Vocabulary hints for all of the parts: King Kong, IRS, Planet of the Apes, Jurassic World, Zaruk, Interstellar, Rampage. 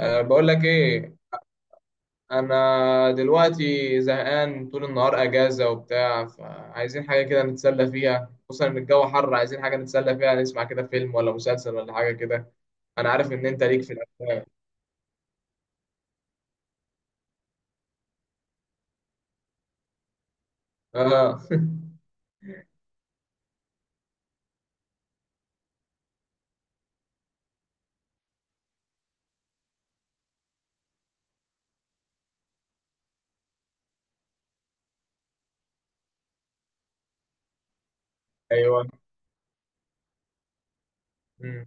بقول لك ايه. انا دلوقتي زهقان، طول النهار اجازة وبتاع، فعايزين حاجة كده نتسلى فيها، خصوصا ان الجو حر. عايزين حاجة نتسلى فيها، نسمع كده فيلم ولا مسلسل ولا حاجة كده. انا عارف ان انت ليك في الافلام. اه. ايوه. مم.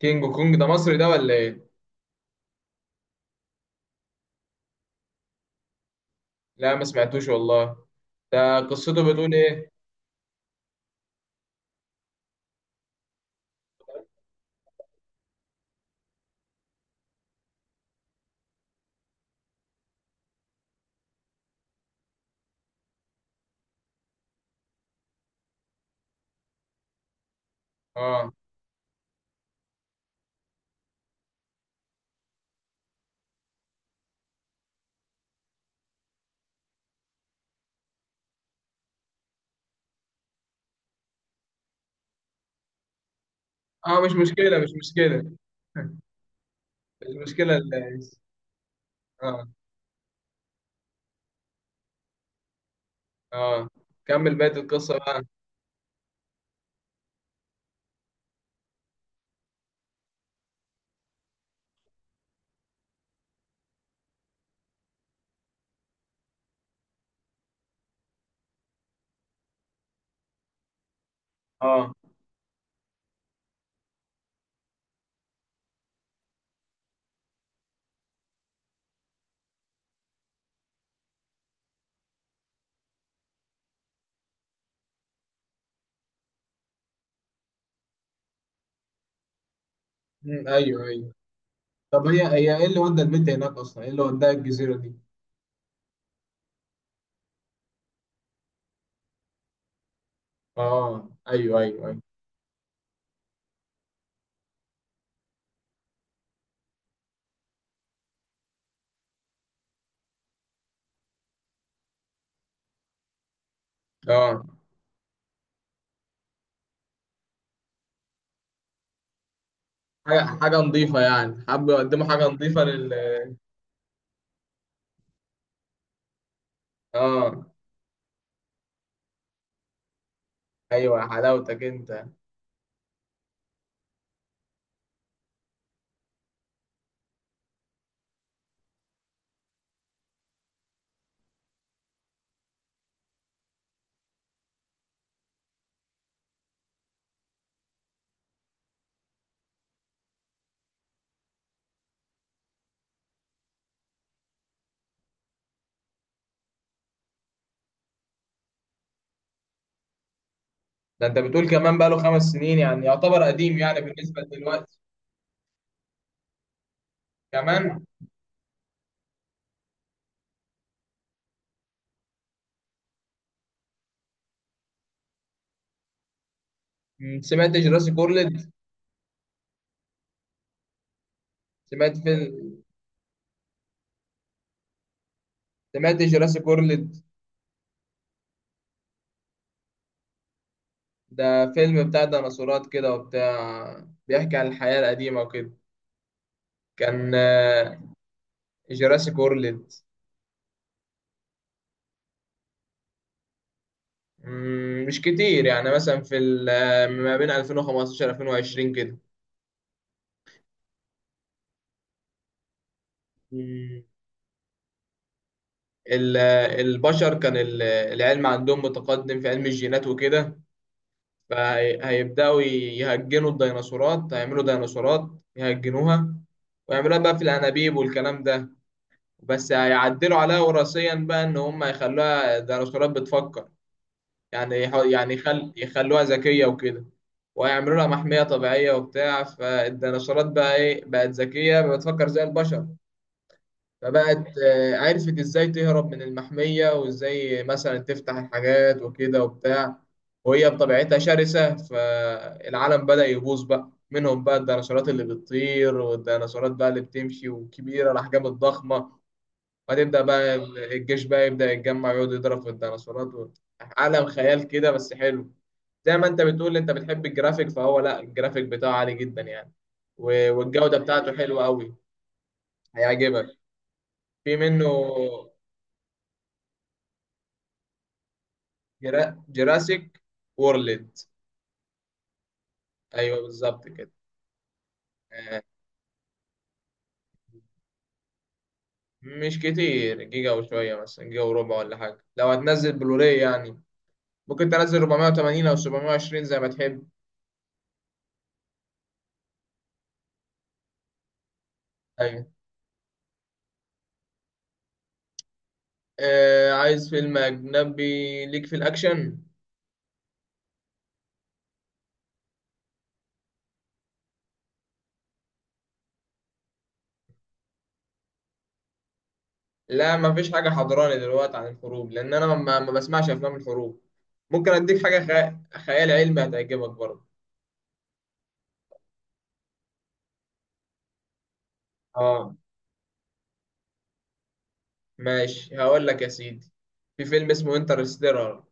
كينج كونج ده مصري ده ولا ايه؟ لا ما سمعتوش والله. ده قصته بتقول ايه؟ اه. اه، مش مشكلة مش مشكلة. المشكلة اللي... اه. اه، كمل بقية القصة بقى. اه. مم، ايوه ايوه. طب هي ايه اللي ودى البنت هناك اصلا؟ ايه اللي وداها الجزيرة دي؟ اه، ايوه ايوه ايوه. اه، حاجة حاجة نظيفة يعني، حابب يقدموا حاجة نظيفة لل... اه، ايوه يا حلاوتك انت. ده انت بتقول كمان بقى له خمس سنين، يعني يعتبر قديم يعني بالنسبة دلوقتي. كمان. سمعت جراسي كورلد. سمعت فيلم. سمعت جراسي كورلد. ده فيلم بتاع ديناصورات كده وبتاع، بيحكي عن الحياة القديمة وكده. كان جراسي كورلد. مش كتير يعني، مثلا في ما بين 2015 2020 كده. مم، ال- البشر كان العلم عندهم متقدم في علم الجينات وكده. فهيبدأوا يهجنوا الديناصورات، هيعملوا ديناصورات يهجنوها، ويعملوها بقى في الأنابيب والكلام ده. بس هيعدلوا عليها وراثيا بقى، إن هم يخلوها ديناصورات بتفكر. يعني يعني يخلوها ذكية وكده. ويعملوا لها محمية طبيعية وبتاع. فالديناصورات بقى إيه، بقت ذكية بتفكر زي البشر. فبقت عرفت إزاي تهرب من المحمية، وإزاي مثلا تفتح الحاجات وكده وبتاع. وهي بطبيعتها شرسة، فالعالم بدأ يبوظ بقى منهم، بقى الديناصورات اللي بتطير والديناصورات بقى اللي بتمشي وكبيرة الأحجام الضخمة. فتبدأ بقى الجيش بقى يبدأ يتجمع، يقعد يضرب في الديناصورات و... عالم خيال كده بس حلو. زي ما انت بتقول انت بتحب الجرافيك، فهو لا، الجرافيك بتاعه عالي جدا يعني. والجودة بتاعته حلوة قوي. هيعجبك. في منه. جراسيك وورلد. ايوه بالظبط كده. آه، مش كتير، جيجا وشوية، مثلا جيجا وربع ولا حاجة. لو هتنزل بلوراي يعني، ممكن تنزل 480 او 720 زي ما تحب. ايوه. عايز فيلم اجنبي ليك في الاكشن. لا، مفيش حاجة حضراني دلوقتي عن الحروب، لأن أنا ما بسمعش أفلام الحروب. ممكن أديك حاجة خيال علمي هتعجبك برضه. آه، ماشي، هقول لك يا سيدي. في فيلم اسمه انترستيلر.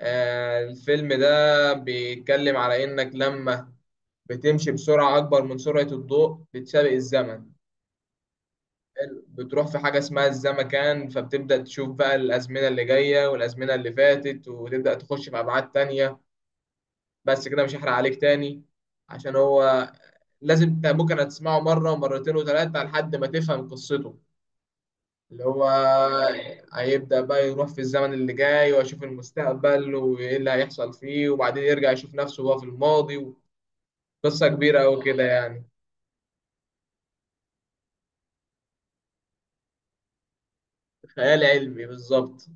الفيلم ده بيتكلم على إنك لما بتمشي بسرعة أكبر من سرعة الضوء، بتسابق الزمن. حلو. بتروح في حاجة اسمها الزمكان، فبتبدأ تشوف بقى الأزمنة اللي جاية والأزمنة اللي فاتت، وتبدأ تخش في أبعاد تانية. بس كده مش هحرق عليك تاني، عشان هو لازم انت ممكن هتسمعه مرة ومرتين وثلاثة لحد ما تفهم قصته. اللي هو هيبدأ بقى يروح في الزمن اللي جاي ويشوف المستقبل وإيه اللي هيحصل فيه، وبعدين يرجع يشوف نفسه وهو في الماضي. قصة كبيرة أوي كده يعني. خيال علمي بالظبط.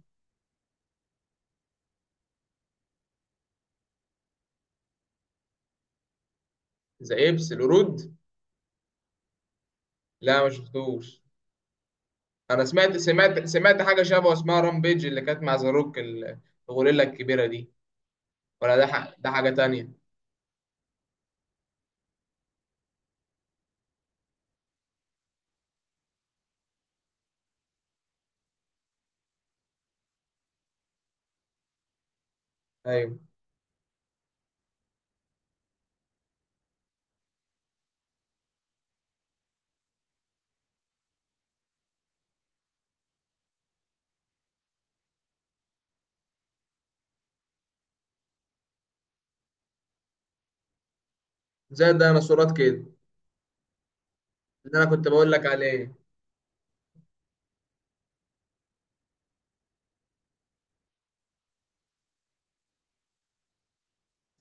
زي إبس القرود. لا ما شفتوش. أنا سمعت حاجة شبه اسمها رامبيج، اللي كانت مع زاروك الغوريلا الكبيرة دي. ولا ده حاجة تانية. أيوه. زي الديناصورات كده، اللي أنا كنت بقول لك عليه.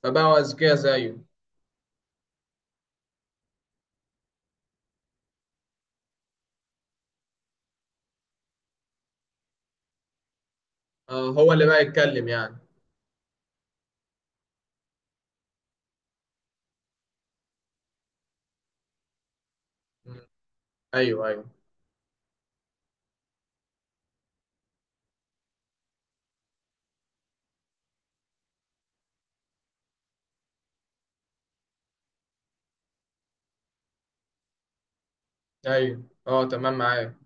فبقوا أذكياء زيه. اه، هو اللي بقى يتكلم يعني. مم. ايوه ايوه ايوه. اه تمام، معايا.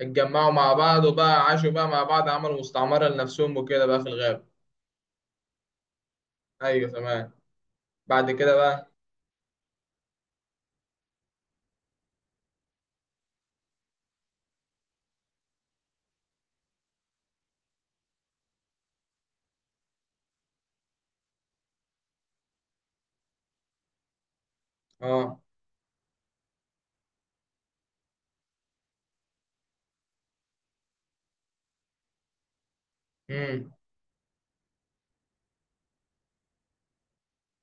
اتجمعوا مع بعض وبقى عاشوا بقى مع بعض، عملوا مستعمرة لنفسهم وكده بقى في الغابة. ايوه تمام. بعد كده بقى. اه. امم.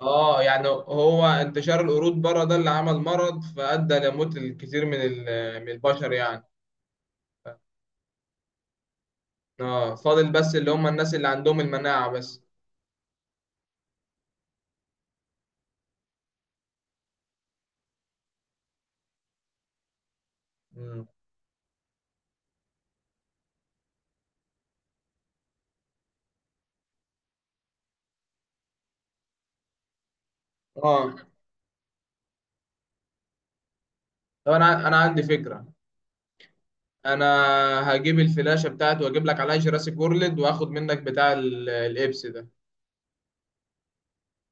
اه، يعني هو انتشار القرود بره ده اللي عمل مرض، فأدى لموت الكثير من من البشر يعني. اه، فاضل بس اللي هم الناس اللي عندهم المناعة بس. مم. اه، طب انا عندي فكرة. انا هجيب الفلاشه بتاعتي واجيب لك عليها جراسيك وورلد، واخد منك بتاع الابس ده.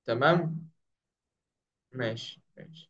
تمام. ماشي ماشي.